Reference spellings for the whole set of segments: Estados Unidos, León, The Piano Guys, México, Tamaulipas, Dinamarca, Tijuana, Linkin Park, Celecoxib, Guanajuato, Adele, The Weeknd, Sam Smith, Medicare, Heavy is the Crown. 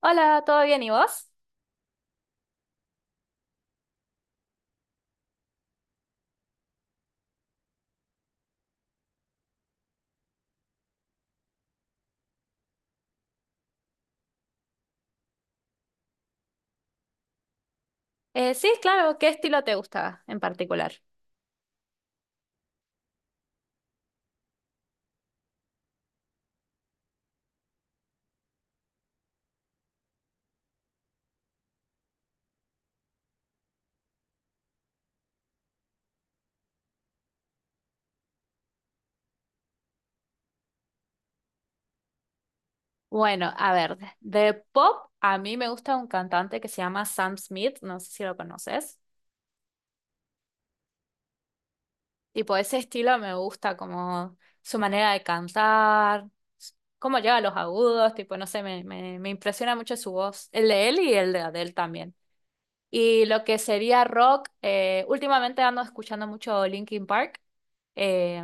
Hola, ¿todo bien? ¿Y vos? Sí, claro, ¿qué estilo te gusta en particular? Bueno, a ver, de pop a mí me gusta un cantante que se llama Sam Smith, no sé si lo conoces. Tipo, ese estilo me gusta como su manera de cantar, s- cómo llega a los agudos, tipo, no sé, me impresiona mucho su voz, el de él y el de Adele también. Y lo que sería rock, últimamente ando escuchando mucho Linkin Park. eh,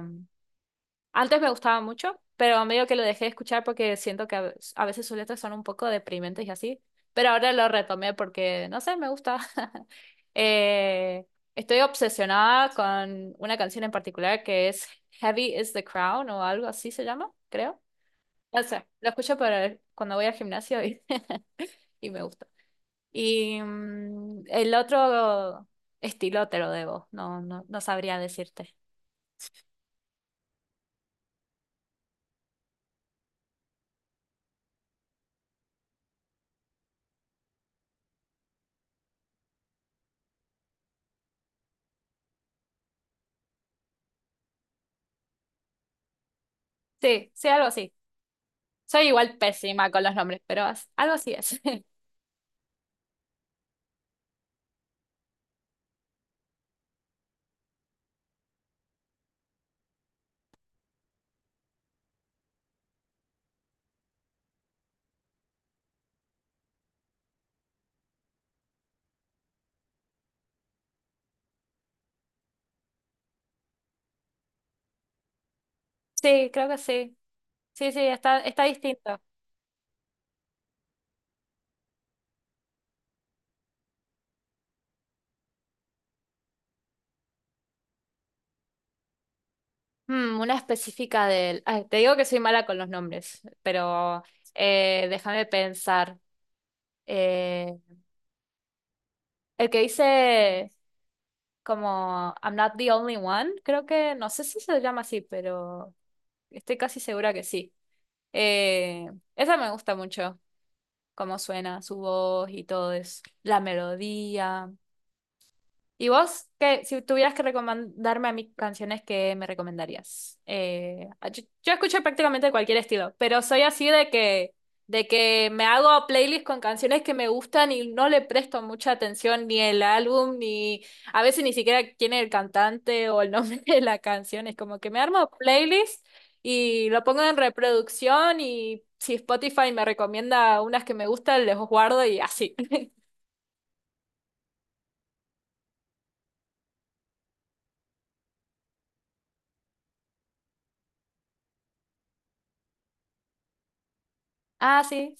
Antes me gustaba mucho, pero medio que lo dejé de escuchar porque siento que a veces sus letras son un poco deprimentes y así. Pero ahora lo retomé porque, no sé, me gusta. Eh, Estoy obsesionada con una canción en particular que es Heavy is the Crown o algo así se llama, creo. No sé, lo escucho para cuando voy al gimnasio y, y me gusta. Y el otro estilo te lo debo, no, no, no sabría decirte. Sí, sí, algo así. Soy igual pésima con los nombres, pero algo así es. Sí, creo que sí. Sí, sí, está distinto. Una específica del... Ay, te digo que soy mala con los nombres, pero déjame pensar. Eh, el que dice como I'm not the only one, creo que, no sé si se llama así, pero estoy casi segura que sí. Eh, Esa me gusta mucho, cómo suena su voz y todo es la melodía. ¿Y vos, qué, si tuvieras que recomendarme a mí canciones, qué me recomendarías? Yo escucho prácticamente cualquier estilo, pero soy así de que me hago playlists con canciones que me gustan y no le presto mucha atención ni el álbum, ni a veces ni siquiera quién es el cantante o el nombre de la canción. Es como que me armo playlist y lo pongo en reproducción y si Spotify me recomienda unas que me gustan, les guardo y así. Ah, sí.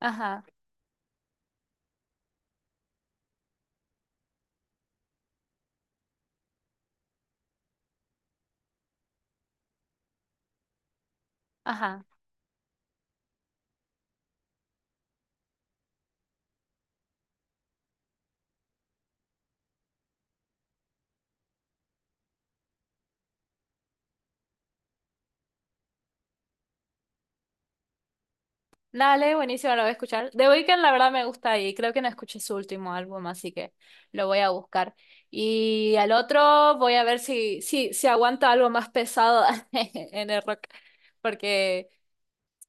Ajá, ajá. Dale, buenísimo, lo voy a escuchar. The Weeknd, la verdad, me gusta y creo que no escuché su último álbum, así que lo voy a buscar. Y al otro voy a ver si aguanta algo más pesado en el rock, porque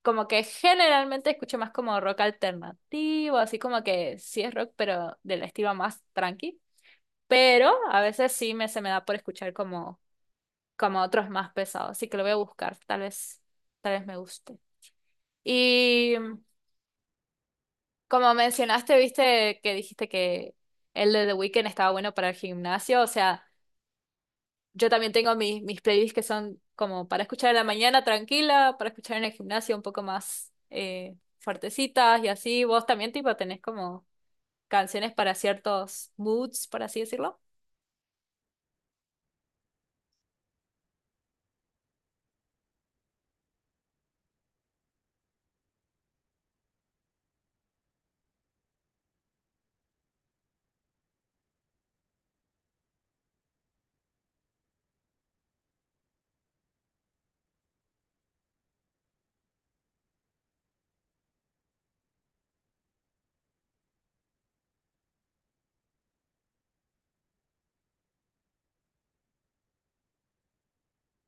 como que generalmente escucho más como rock alternativo, así como que sí es rock, pero del estilo más tranqui. Pero a veces sí me, se me da por escuchar como, como otros más pesados, así que lo voy a buscar, tal vez me guste. Y como mencionaste, viste que dijiste que el de The Weeknd estaba bueno para el gimnasio, o sea, yo también tengo mis playlists que son como para escuchar en la mañana tranquila, para escuchar en el gimnasio un poco más fuertecitas y así. ¿Vos también tipo tenés como canciones para ciertos moods, por así decirlo?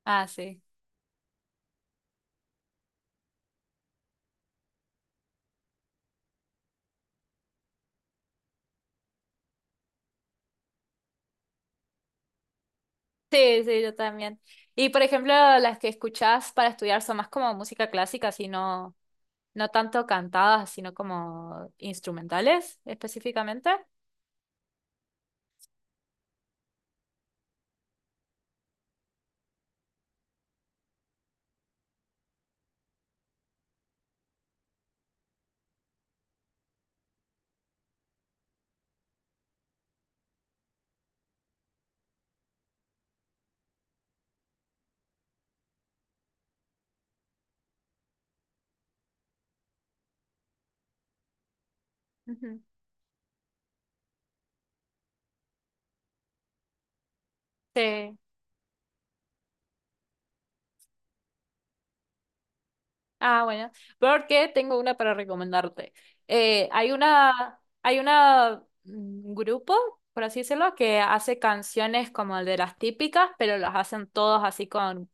Ah, sí. Sí, sí, yo también. Y por ejemplo, las que escuchás para estudiar son más como música clásica, sino no no tanto cantadas, sino como instrumentales específicamente. Ujú. Sí. Ah, bueno. Porque tengo una para recomendarte. Hay una, hay una grupo, por así decirlo, que hace canciones como de las típicas, pero las hacen todos así con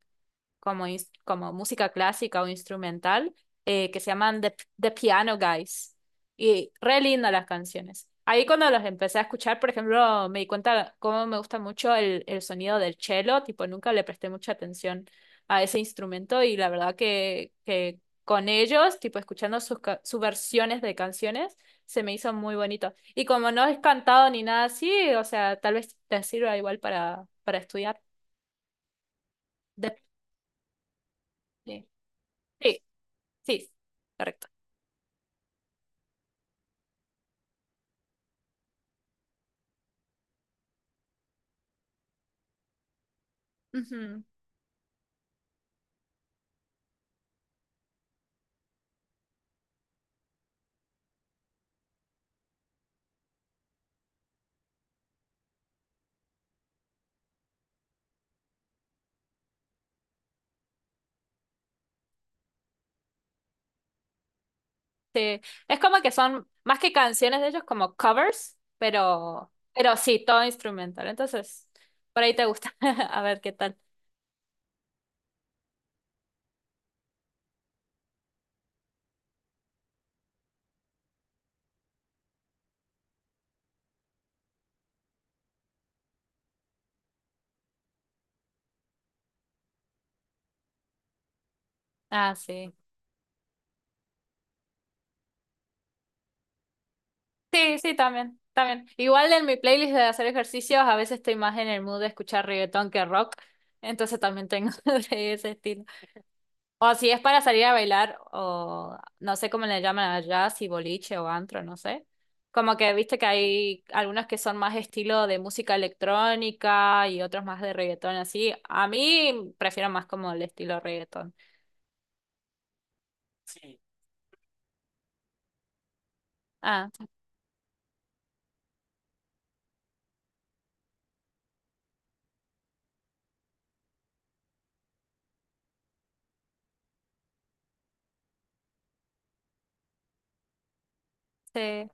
como música clásica o instrumental, que se llaman The Piano Guys. Y re lindas las canciones. Ahí cuando los empecé a escuchar, por ejemplo, me di cuenta cómo me gusta mucho el sonido del cello, tipo nunca le presté mucha atención a ese instrumento y la verdad que con ellos, tipo escuchando sus versiones de canciones, se me hizo muy bonito. Y como no es cantado ni nada así, o sea, tal vez te sirva igual para estudiar. De- Sí. Sí. Sí, correcto. Ujú. Sí, es como que son más que canciones de ellos, como covers, pero sí, todo instrumental. Entonces, por ahí te gusta. A ver qué tal. Ah, sí. Sí, sí, también, también. Igual en mi playlist de hacer ejercicios, a veces estoy más en el mood de escuchar reggaetón que rock. Entonces también tengo de ese estilo. O si es para salir a bailar, o no sé cómo le llaman allá, si boliche o antro, no sé. Como que viste que hay algunos que son más estilo de música electrónica y otros más de reggaetón, así. A mí prefiero más como el estilo reggaetón. Ah, sí,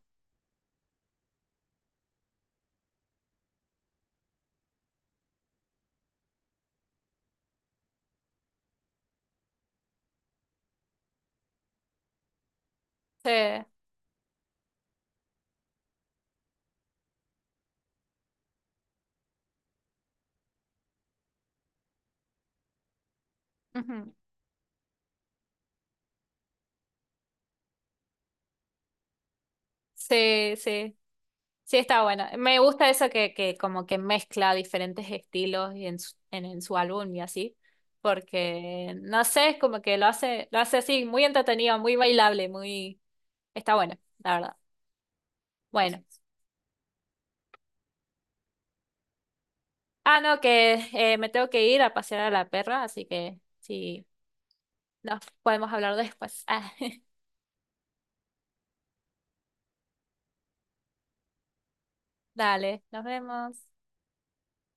sí. Ujú. Sí, sí. Sí, está bueno. Me gusta eso que como que mezcla diferentes estilos y en su álbum y así. Porque, no sé, es como que lo hace así, muy entretenido, muy bailable, muy... Está bueno, la verdad. Bueno. Ah, no, que me tengo que ir a pasear a la perra, así que sí, nos podemos hablar después. Ah, dale, nos vemos.